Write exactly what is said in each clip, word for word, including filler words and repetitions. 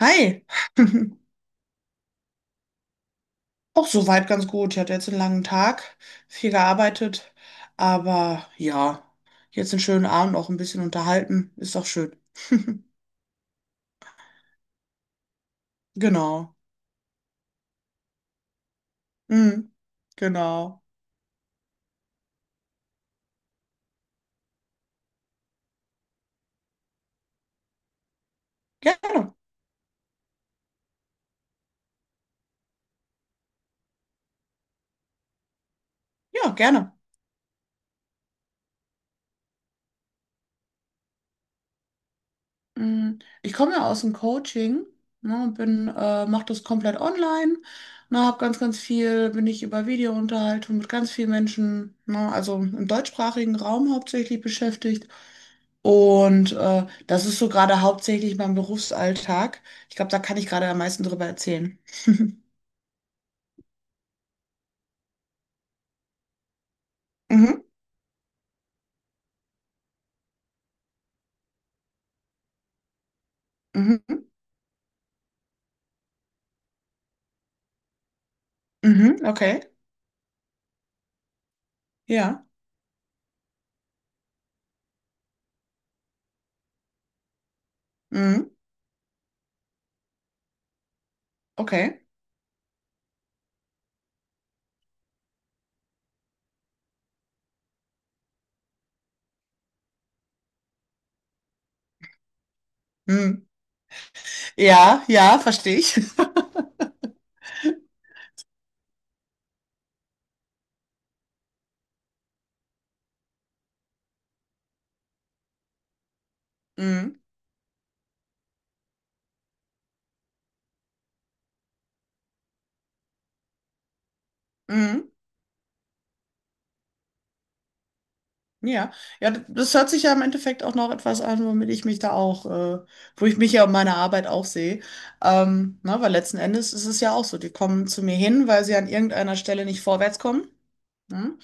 Hi, auch soweit ganz gut. Ich hatte jetzt einen langen Tag, viel gearbeitet, aber ja, jetzt einen schönen Abend, auch ein bisschen unterhalten, ist doch schön. Genau, mhm. Genau. Gerne, ja, gerne. Mm, ich komme ja aus dem Coaching, ne, und bin, äh, mache das komplett online, ne, habe ganz, ganz viel, bin ich über Videounterhaltung mit ganz vielen Menschen, ne, also im deutschsprachigen Raum hauptsächlich beschäftigt. Und äh, das ist so gerade hauptsächlich mein Berufsalltag. Ich glaube, da kann ich gerade am meisten drüber erzählen. Mhm, mhm, mhm, okay, ja, mhm, okay, mhm. Ja, ja, verstehe ich. Mhm, mhm. Ja, ja, d- das hört sich ja im Endeffekt auch noch etwas an, womit ich mich da auch, äh, wo ich mich ja um meine Arbeit auch sehe. Ähm, na, weil letzten Endes ist es ja auch so, die kommen zu mir hin, weil sie an irgendeiner Stelle nicht vorwärts kommen, ne?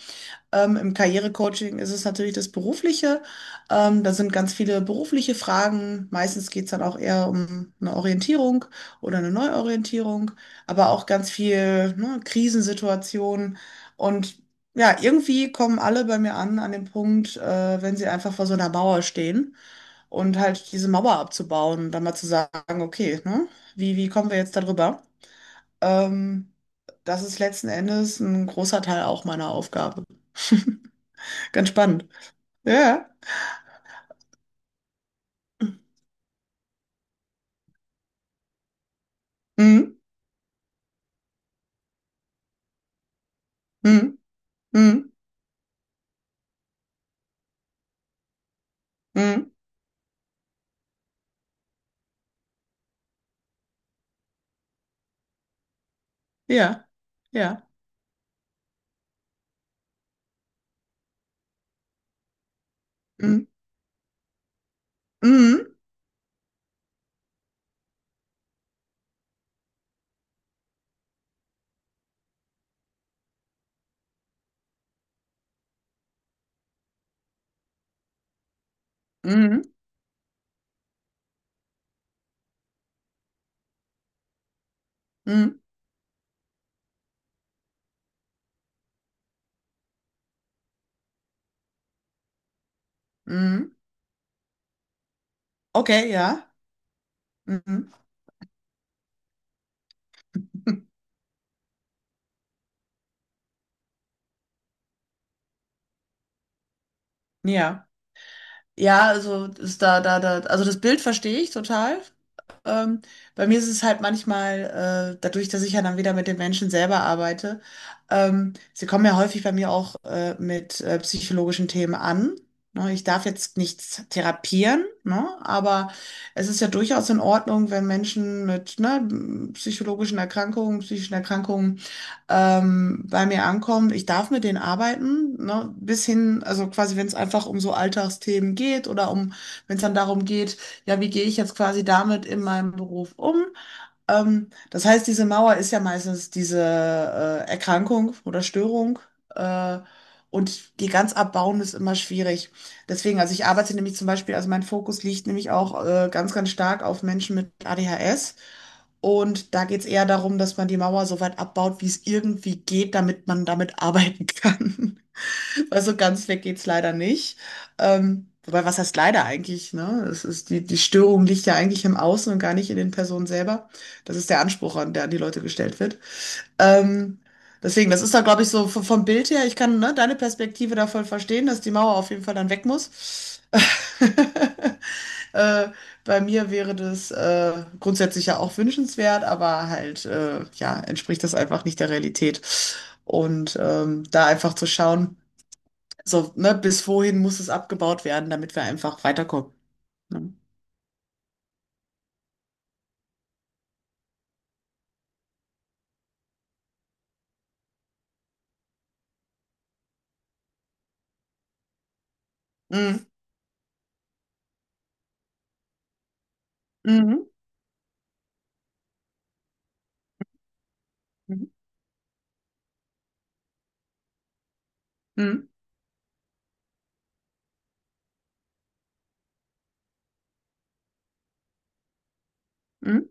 Ähm, im Karrierecoaching ist es natürlich das Berufliche. Ähm, da sind ganz viele berufliche Fragen. Meistens geht es dann auch eher um eine Orientierung oder eine Neuorientierung, aber auch ganz viel, ne, Krisensituationen. Und ja, irgendwie kommen alle bei mir an, an den Punkt, äh, wenn sie einfach vor so einer Mauer stehen und halt diese Mauer abzubauen und dann mal zu sagen, okay, ne, wie, wie kommen wir jetzt darüber? Ähm, Das ist letzten Endes ein großer Teil auch meiner Aufgabe. Ganz spannend. Ja. Ja. Mhm. Mhm. Mhm. Mhm. Ja. Ja. Mhm. Mhm. Mhm. Mhm. Mhm. Okay, ja. Mhm. Ja. Ja, also ist da, da, da, also das Bild verstehe ich total. Ähm, bei mir ist es halt manchmal, äh, dadurch, dass ich ja dann wieder mit den Menschen selber arbeite, ähm, sie kommen ja häufig bei mir auch äh, mit äh, psychologischen Themen an. Ne, ich darf jetzt nichts therapieren, ne, aber es ist ja durchaus in Ordnung, wenn Menschen mit ne, psychologischen Erkrankungen, psychischen Erkrankungen ähm, bei mir ankommen. Ich darf mit denen arbeiten, ne? Bis hin, also quasi, wenn es einfach um so Alltagsthemen geht oder um, wenn es dann darum geht, ja, wie gehe ich jetzt quasi damit in meinem Beruf um? Ähm, das heißt, diese Mauer ist ja meistens diese äh, Erkrankung oder Störung. Äh, und die ganz abbauen ist immer schwierig. Deswegen, also ich arbeite nämlich zum Beispiel, also mein Fokus liegt nämlich auch äh, ganz, ganz stark auf Menschen mit A D H S. Und da geht es eher darum, dass man die Mauer so weit abbaut, wie es irgendwie geht, damit man damit arbeiten kann. Also ganz weg geht's leider nicht. Ähm, wobei, was heißt leider eigentlich, ne? Es ist die, die Störung liegt ja eigentlich im Außen und gar nicht in den Personen selber. Das ist der Anspruch, an der an die Leute gestellt wird. Ähm, deswegen, das ist da, glaube ich, so v- vom Bild her, ich kann, ne, deine Perspektive da voll verstehen, dass die Mauer auf jeden Fall dann weg muss. äh, Bei mir wäre das äh, grundsätzlich ja auch wünschenswert, aber halt, äh, ja, entspricht das einfach nicht der Realität. Und ähm, da einfach zu schauen, so, ne, bis wohin muss es abgebaut werden, damit wir einfach weiterkommen, ne? Mhm. Mhm. Mhm. Mhm. Mhm.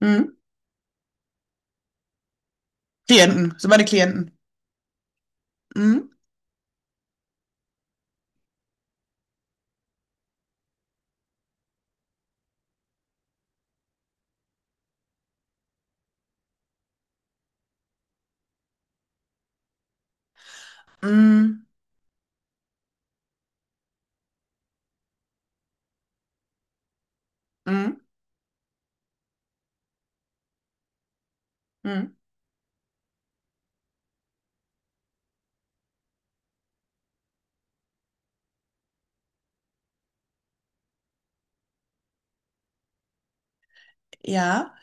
Mhm. Klienten, sind meine Klienten. Mhm. Mhm. Mhm. Mhm. Ja.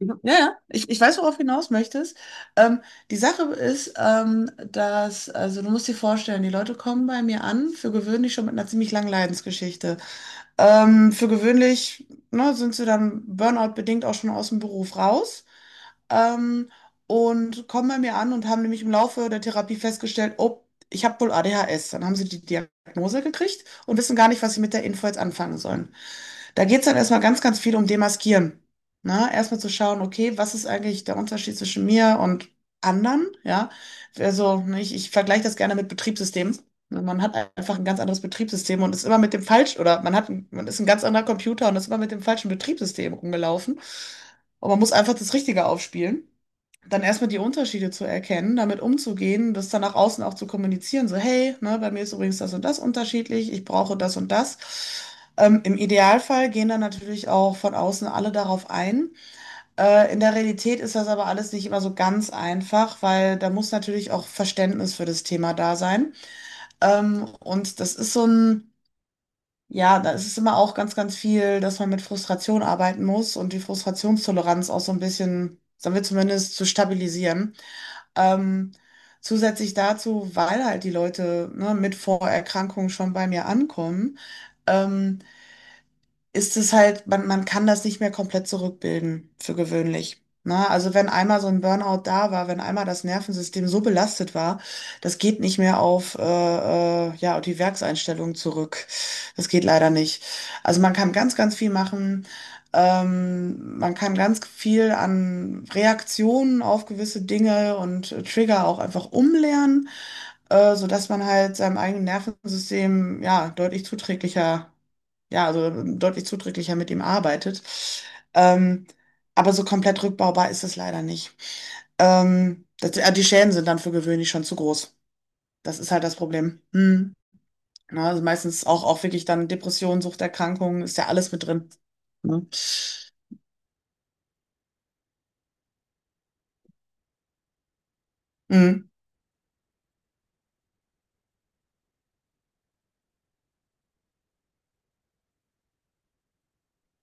Ja, ja, ich, ich weiß, worauf du hinaus möchtest. Ähm, die Sache ist, ähm, dass, also du musst dir vorstellen, die Leute kommen bei mir an, für gewöhnlich schon mit einer ziemlich langen Leidensgeschichte. Ähm, für gewöhnlich, ne, sind sie dann Burnout-bedingt auch schon aus dem Beruf raus. Ähm, und kommen bei mir an und haben nämlich im Laufe der Therapie festgestellt, oh, ich habe wohl A D H S. Dann haben sie die Diagnose gekriegt und wissen gar nicht, was sie mit der Info jetzt anfangen sollen. Da geht es dann erstmal ganz, ganz viel um Demaskieren. Na, erstmal zu schauen, okay, was ist eigentlich der Unterschied zwischen mir und anderen? Ja, also ne, ich, ich vergleiche das gerne mit Betriebssystemen. Ne, man hat einfach ein ganz anderes Betriebssystem und ist immer mit dem falschen, oder man hat, ein- man ist ein ganz anderer Computer und ist immer mit dem falschen Betriebssystem rumgelaufen. Und man muss einfach das Richtige aufspielen, dann erstmal die Unterschiede zu erkennen, damit umzugehen, das dann nach außen auch zu kommunizieren, so hey, ne, bei mir ist übrigens das und das unterschiedlich, ich brauche das und das. Ähm, im Idealfall gehen dann natürlich auch von außen alle darauf ein. Äh, in der Realität ist das aber alles nicht immer so ganz einfach, weil da muss natürlich auch Verständnis für das Thema da sein. Ähm, und das ist so ein, ja, da ist es immer auch ganz, ganz viel, dass man mit Frustration arbeiten muss und die Frustrationstoleranz auch so ein bisschen, sagen wir zumindest, zu stabilisieren. Ähm, zusätzlich dazu, weil halt die Leute, ne, mit Vorerkrankungen schon bei mir ankommen, ähm, ist es halt, man, man kann das nicht mehr komplett zurückbilden, für gewöhnlich. Ne? Also wenn einmal so ein Burnout da war, wenn einmal das Nervensystem so belastet war, das geht nicht mehr auf äh, äh, ja, auf die Werkseinstellung zurück. Das geht leider nicht. Also man kann ganz, ganz viel machen. Ähm, man kann ganz viel an Reaktionen auf gewisse Dinge und äh, Trigger auch einfach umlernen, äh, sodass man halt seinem eigenen Nervensystem ja deutlich zuträglicher ja, also ähm, deutlich zuträglicher mit ihm arbeitet. Ähm, aber so komplett rückbaubar ist es leider nicht. Ähm, das, äh, die Schäden sind dann für gewöhnlich schon zu groß. Das ist halt das Problem. Hm. Na, also meistens auch, auch wirklich dann Depressionen, Suchterkrankungen, ist ja alles mit drin. Ne? Mhm.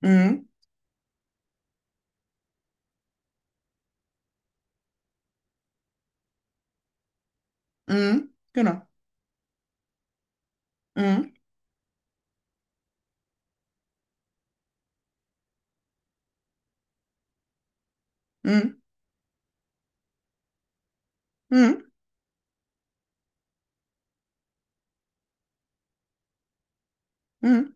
Mhm. Mhm. Genau. Mhm. Mhm. Mhm. Mhm.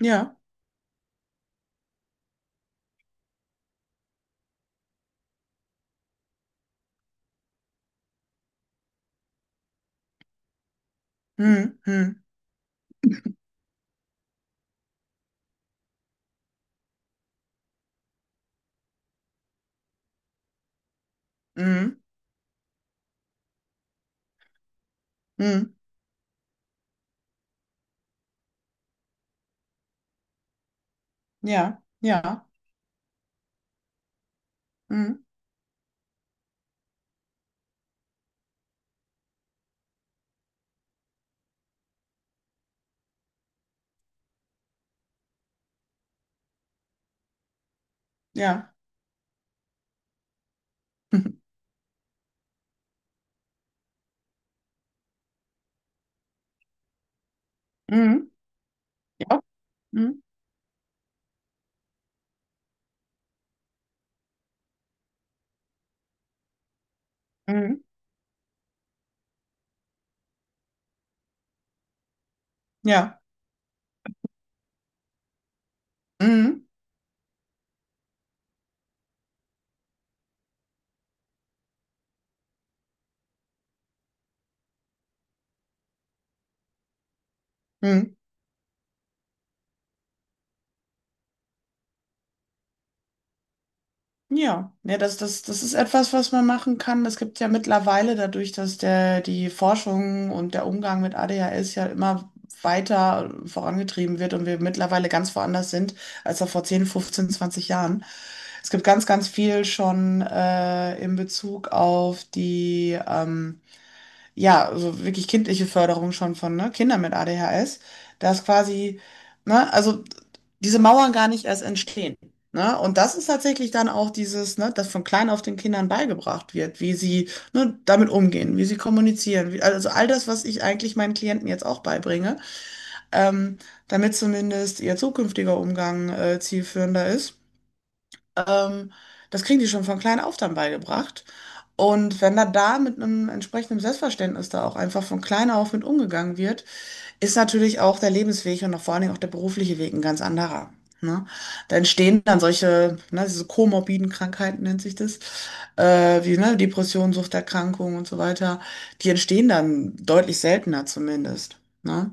Ja. Mhm. Mhm. Mhm. Mhm. Ja. Ja. Mhm. Ja. Mhm. Ja. Mhm. Mhm. Ja. Mhm. Mhm. Ja, ja, das, das, das ist etwas, was man machen kann. Es gibt ja mittlerweile dadurch, dass der, die Forschung und der Umgang mit A D H S ja immer weiter vorangetrieben wird und wir mittlerweile ganz woanders sind, als noch vor zehn fünfzehn zwanzig Jahren. Es gibt ganz, ganz viel schon äh, in Bezug auf die ähm, ja, also wirklich kindliche Förderung schon von ne, Kindern mit A D H S, dass quasi, ne, also diese Mauern gar nicht erst entstehen. Ne? Und das ist tatsächlich dann auch dieses, ne, dass von klein auf den Kindern beigebracht wird, wie sie ne, damit umgehen, wie sie kommunizieren, wie, also all das, was ich eigentlich meinen Klienten jetzt auch beibringe, ähm, damit zumindest ihr zukünftiger Umgang äh, zielführender ist. Ähm, das kriegen die schon von klein auf dann beigebracht. Und wenn da da mit einem entsprechenden Selbstverständnis da auch einfach von klein auf mit umgegangen wird, ist natürlich auch der Lebensweg und auch vor allen Dingen auch der berufliche Weg ein ganz anderer. Ne? Da entstehen dann solche, ne, diese komorbiden Krankheiten nennt sich das, äh, wie ne, Depression, Suchterkrankungen und so weiter. Die entstehen dann deutlich seltener zumindest. Ne?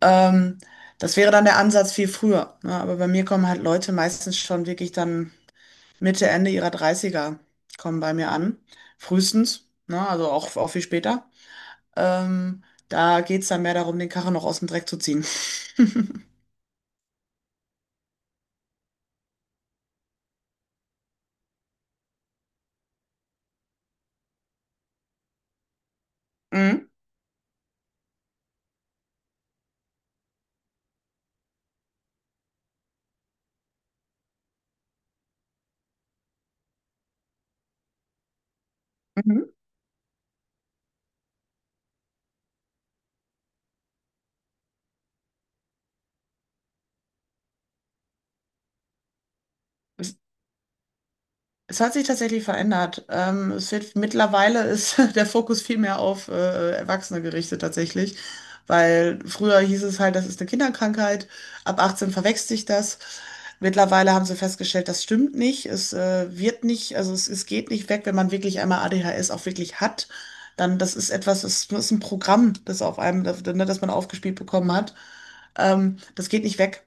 Ähm, das wäre dann der Ansatz viel früher. Ne? Aber bei mir kommen halt Leute meistens schon wirklich dann Mitte, Ende ihrer Dreißiger kommen bei mir an. Frühestens, ne? Also auch, auch viel später. Ähm, da geht es dann mehr darum, den Karren noch aus dem Dreck zu ziehen. Mhm. Mhm. Es hat sich tatsächlich verändert. Ähm, es wird, mittlerweile ist der Fokus viel mehr auf äh, Erwachsene gerichtet tatsächlich, weil früher hieß es halt, das ist eine Kinderkrankheit, ab achtzehn verwächst sich das. Mittlerweile haben sie festgestellt, das stimmt nicht. Es äh, wird nicht, also es, es geht nicht weg, wenn man wirklich einmal A D H S auch wirklich hat. Dann, das ist etwas, das ist ein Programm, das auf einem, das, ne, das man aufgespielt bekommen hat. Ähm, das geht nicht weg.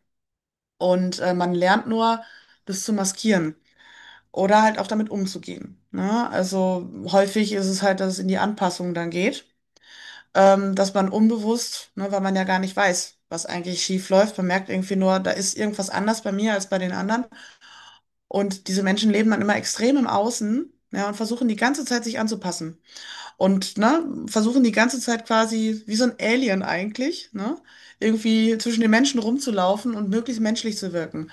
Und äh, man lernt nur, das zu maskieren oder halt auch damit umzugehen. Ne? Also häufig ist es halt, dass es in die Anpassung dann geht, ähm, dass man unbewusst, ne, weil man ja gar nicht weiß, was eigentlich schief läuft, man merkt irgendwie nur, da ist irgendwas anders bei mir als bei den anderen. Und diese Menschen leben dann immer extrem im Außen, ja, und versuchen die ganze Zeit sich anzupassen und ne, versuchen die ganze Zeit quasi wie so ein Alien eigentlich, ne, irgendwie zwischen den Menschen rumzulaufen und möglichst menschlich zu wirken.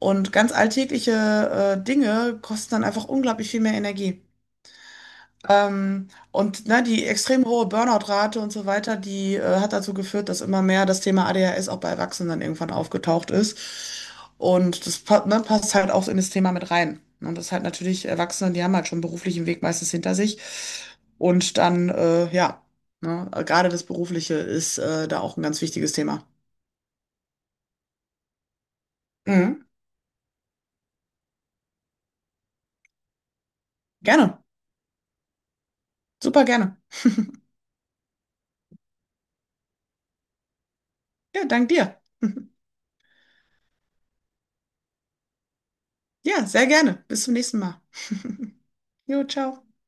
Und ganz alltägliche äh, Dinge kosten dann einfach unglaublich viel mehr Energie. Ähm, und ne, die extrem hohe Burnout-Rate und so weiter, die äh, hat dazu geführt, dass immer mehr das Thema A D H S auch bei Erwachsenen irgendwann aufgetaucht ist. Und das pa- ne, passt halt auch in das Thema mit rein. Und das ist halt natürlich Erwachsene, die haben halt schon einen beruflichen Weg meistens hinter sich. Und dann, äh, ja, ne, gerade das Berufliche ist äh, da auch ein ganz wichtiges Thema. Mhm. Gerne, super gerne. Ja, dank dir. Ja, sehr gerne. Bis zum nächsten Mal. Jo, ciao.